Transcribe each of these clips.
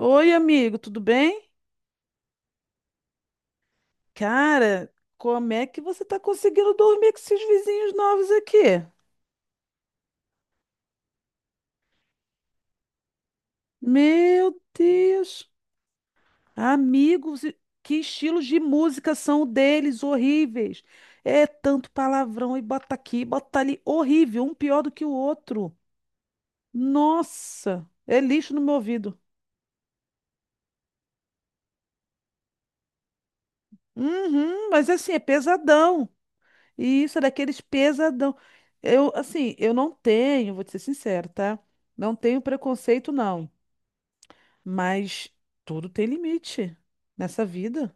Oi, amigo, tudo bem? Cara, como é que você tá conseguindo dormir com esses vizinhos novos aqui? Meu Deus! Amigos, e- que estilos de música são o deles, horríveis. É tanto palavrão e bota aqui, bota ali, horrível, um pior do que o outro. Nossa, é lixo no meu ouvido. Uhum, mas assim, é pesadão. E isso é daqueles pesadão. Eu, assim, eu não tenho, vou te ser sincero, tá? Não tenho preconceito, não. Mas tudo tem limite nessa vida.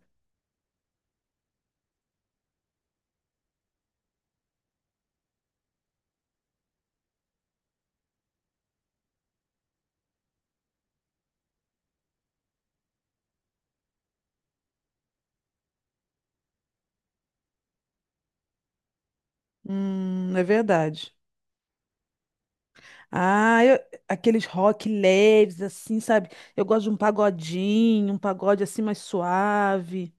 É verdade. Ah, eu- aqueles rock leves, assim, sabe? Eu gosto de um pagodinho, um pagode assim mais suave.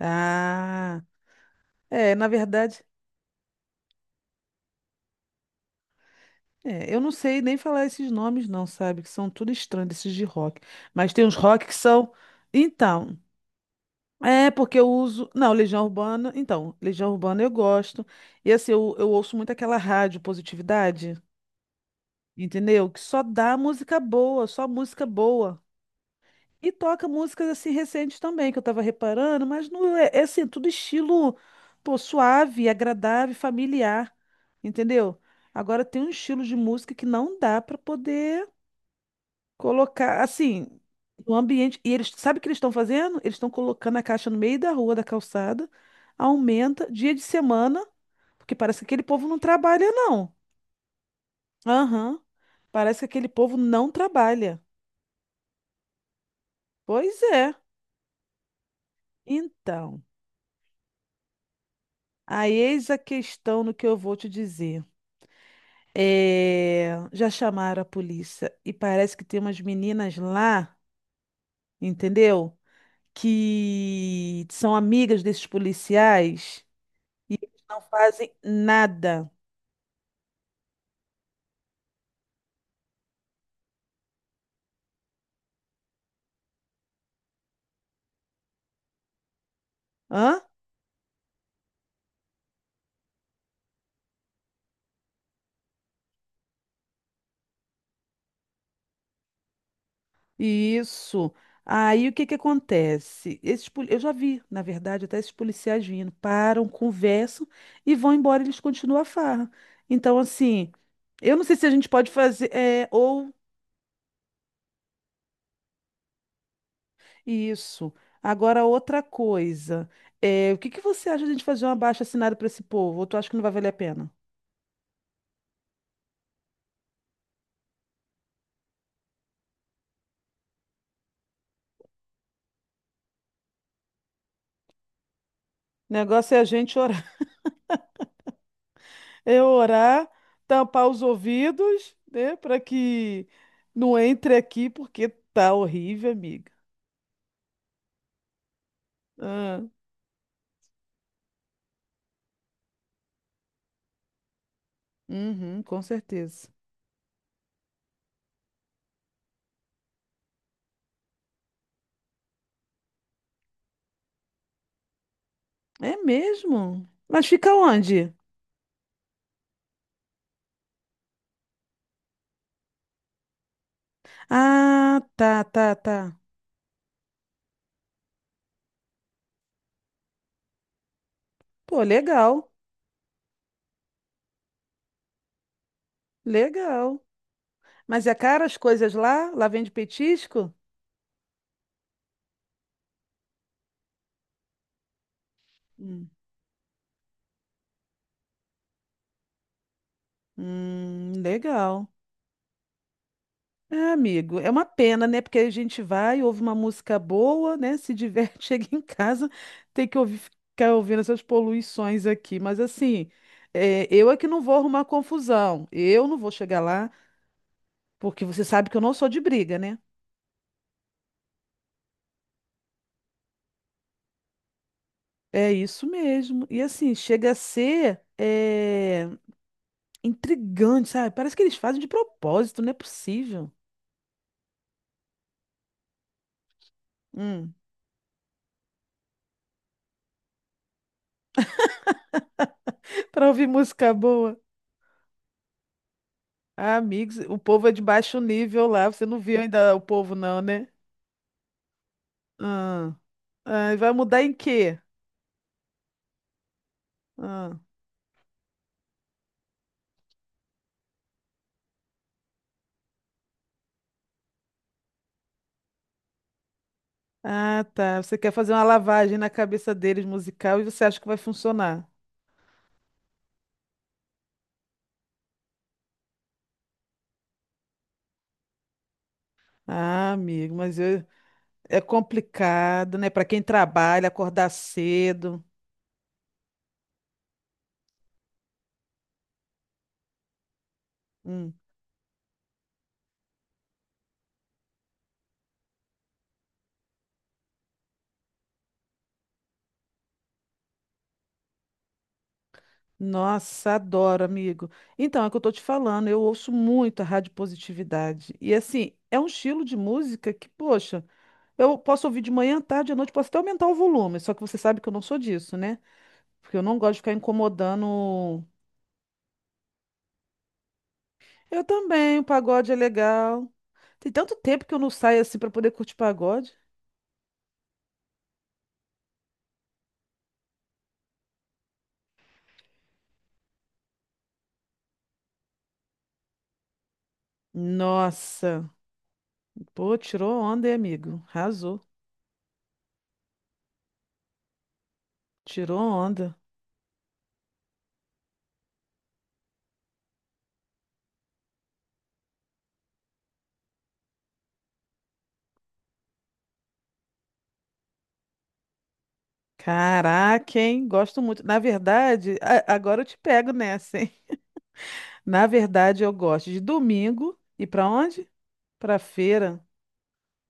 Ah, é, na verdade, é, eu não sei nem falar esses nomes, não, sabe? Que são tudo estranhos, esses de rock. Mas tem uns rock que são. Então, é porque eu uso. Não, Legião Urbana. Então, Legião Urbana eu gosto. E assim, eu ouço muito aquela rádio Positividade. Entendeu? Que só dá música boa, só música boa. E toca músicas assim recentes também, que eu tava reparando, mas não é, é assim, tudo estilo, pô, suave, agradável, familiar, entendeu? Agora tem um estilo de música que não dá pra poder colocar assim no ambiente. E eles, sabe o que eles estão fazendo? Eles estão colocando a caixa no meio da rua, da calçada, aumenta dia de semana, porque parece que aquele povo não trabalha, não. Aham. Parece que aquele povo não trabalha. Pois é. Então, aí eis a questão no que eu vou te dizer. É, já chamaram a polícia e parece que tem umas meninas lá, entendeu? Que são amigas desses policiais e eles não fazem nada. Hã? Isso. Aí o que que acontece? Esses, poli- eu já vi, na verdade, até esses policiais vindo, param, conversam e vão embora, eles continuam a farra. Então, assim, eu não sei se a gente pode fazer, é, ou isso. Agora, outra coisa, é, o que que você acha de a gente fazer um abaixo-assinado para esse povo? Ou tu acha que não vai valer a pena? O negócio é a gente orar, é orar, tampar os ouvidos, né, para que não entre aqui, porque tá horrível, amiga. Uhum, com certeza. É mesmo? Mas fica onde? Ah, tá, tá, tá. Pô, legal, legal. Mas é caro as coisas lá? Lá vende petisco? Hum, Hum, legal. É, amigo, é uma pena, né? Porque a gente vai, ouve uma música boa, né? Se diverte, chega em casa, tem que ouvir, ficar ouvindo essas poluições aqui. Mas assim, é, eu é que não vou arrumar confusão. Eu não vou chegar lá, porque você sabe que eu não sou de briga, né? É isso mesmo. E assim, chega a ser é, intrigante, sabe? Parece que eles fazem de propósito, não é possível. Hum. Para ouvir música boa. Ah, amigos, o povo é de baixo nível lá. Você não viu ainda o povo, não, né? Ah, ah, e vai mudar em quê? Ah. Ah, tá. Você quer fazer uma lavagem na cabeça deles musical e você acha que vai funcionar. Ah, amigo, mas eu- é complicado, né? Para quem trabalha, acordar cedo. Hum. Nossa, adoro, amigo. Então, é o que eu tô te falando, eu ouço muito a rádio positividade. E assim, é um estilo de música que, poxa, eu posso ouvir de manhã, tarde, à noite, posso até aumentar o volume, só que você sabe que eu não sou disso, né? Porque eu não gosto de ficar incomodando. Eu também, o pagode é legal. Tem tanto tempo que eu não saio assim pra poder curtir pagode. Nossa, pô, tirou onda, hein, amigo? Arrasou. Tirou onda. Caraca, hein? Gosto muito. Na verdade, agora eu te pego nessa, hein? Na verdade, eu gosto de domingo ir para onde? Para feira,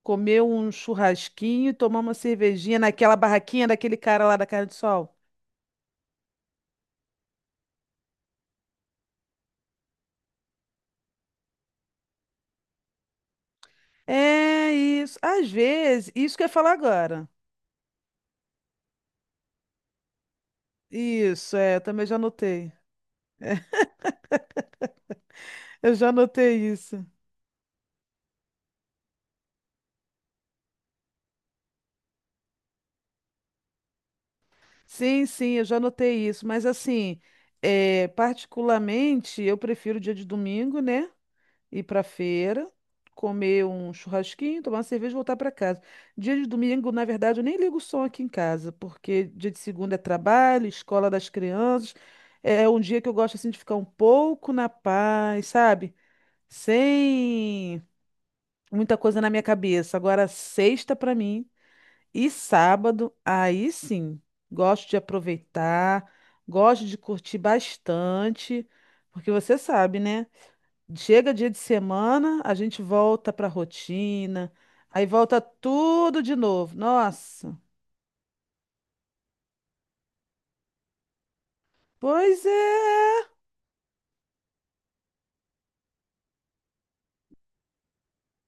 comer um churrasquinho e tomar uma cervejinha naquela barraquinha daquele cara lá da carne de sol. É isso. Às vezes, isso que eu ia falar agora. Isso, é, eu também já anotei. Eu já anotei isso. Sim, sim, eu já anotei isso. Mas assim, é, particularmente, eu prefiro o dia de domingo, né? Ir pra feira, comer um churrasquinho, tomar uma cerveja e voltar pra casa. Dia de domingo, na verdade, eu nem ligo o som aqui em casa, porque dia de segunda é trabalho, escola das crianças. É um dia que eu gosto assim de ficar um pouco na paz, sabe? Sem muita coisa na minha cabeça. Agora, sexta pra mim e sábado, aí sim, gosto de aproveitar, gosto de curtir bastante, porque você sabe, né? Chega dia de semana, a gente volta para a rotina, aí volta tudo de novo. Nossa, pois é.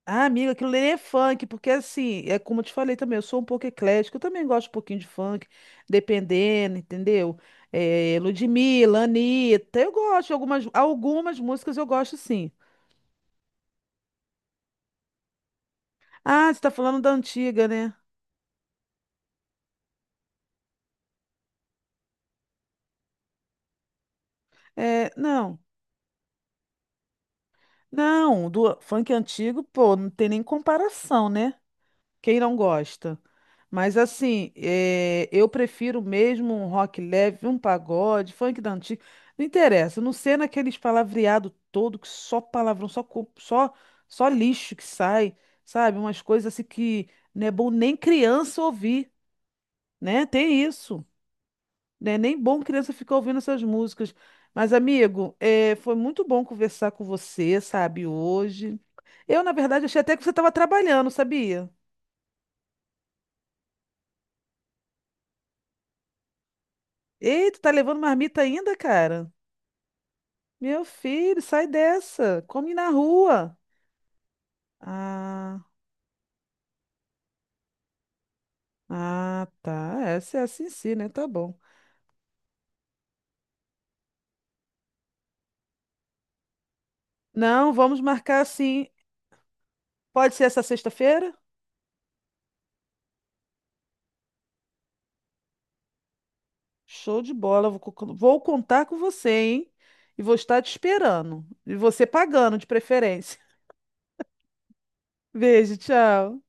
Ah, amiga, aquilo ali é funk, porque assim, é como eu te falei também, eu sou um pouco eclética, eu também gosto um pouquinho de funk, dependendo, entendeu? É, Ludmilla, Anitta, eu gosto, de algumas, algumas músicas eu gosto sim. Ah, você tá falando da antiga, né? É, não, não, do funk antigo, pô, não tem nem comparação, né? Quem não gosta? Mas assim, é, eu prefiro mesmo um rock leve, um pagode, funk da antiga. Não interessa, não ser naqueles palavreado todo que só palavrão, só co- só só lixo que sai, sabe? Umas coisas assim que não é bom nem criança ouvir, né? Tem isso, né? Nem bom criança ficar ouvindo essas músicas. Mas amigo, é, foi muito bom conversar com você, sabe, hoje. Eu, na verdade, achei até que você estava trabalhando, sabia? Ei, tu tá levando marmita ainda, cara? Meu filho, sai dessa. Come na rua. Ah, ah, tá. Essa é assim sim, né? Tá bom. Não, vamos marcar assim. Pode ser essa sexta-feira? Show de bola. Vou contar com você, hein? E vou estar te esperando. E você pagando, de preferência. Beijo, tchau.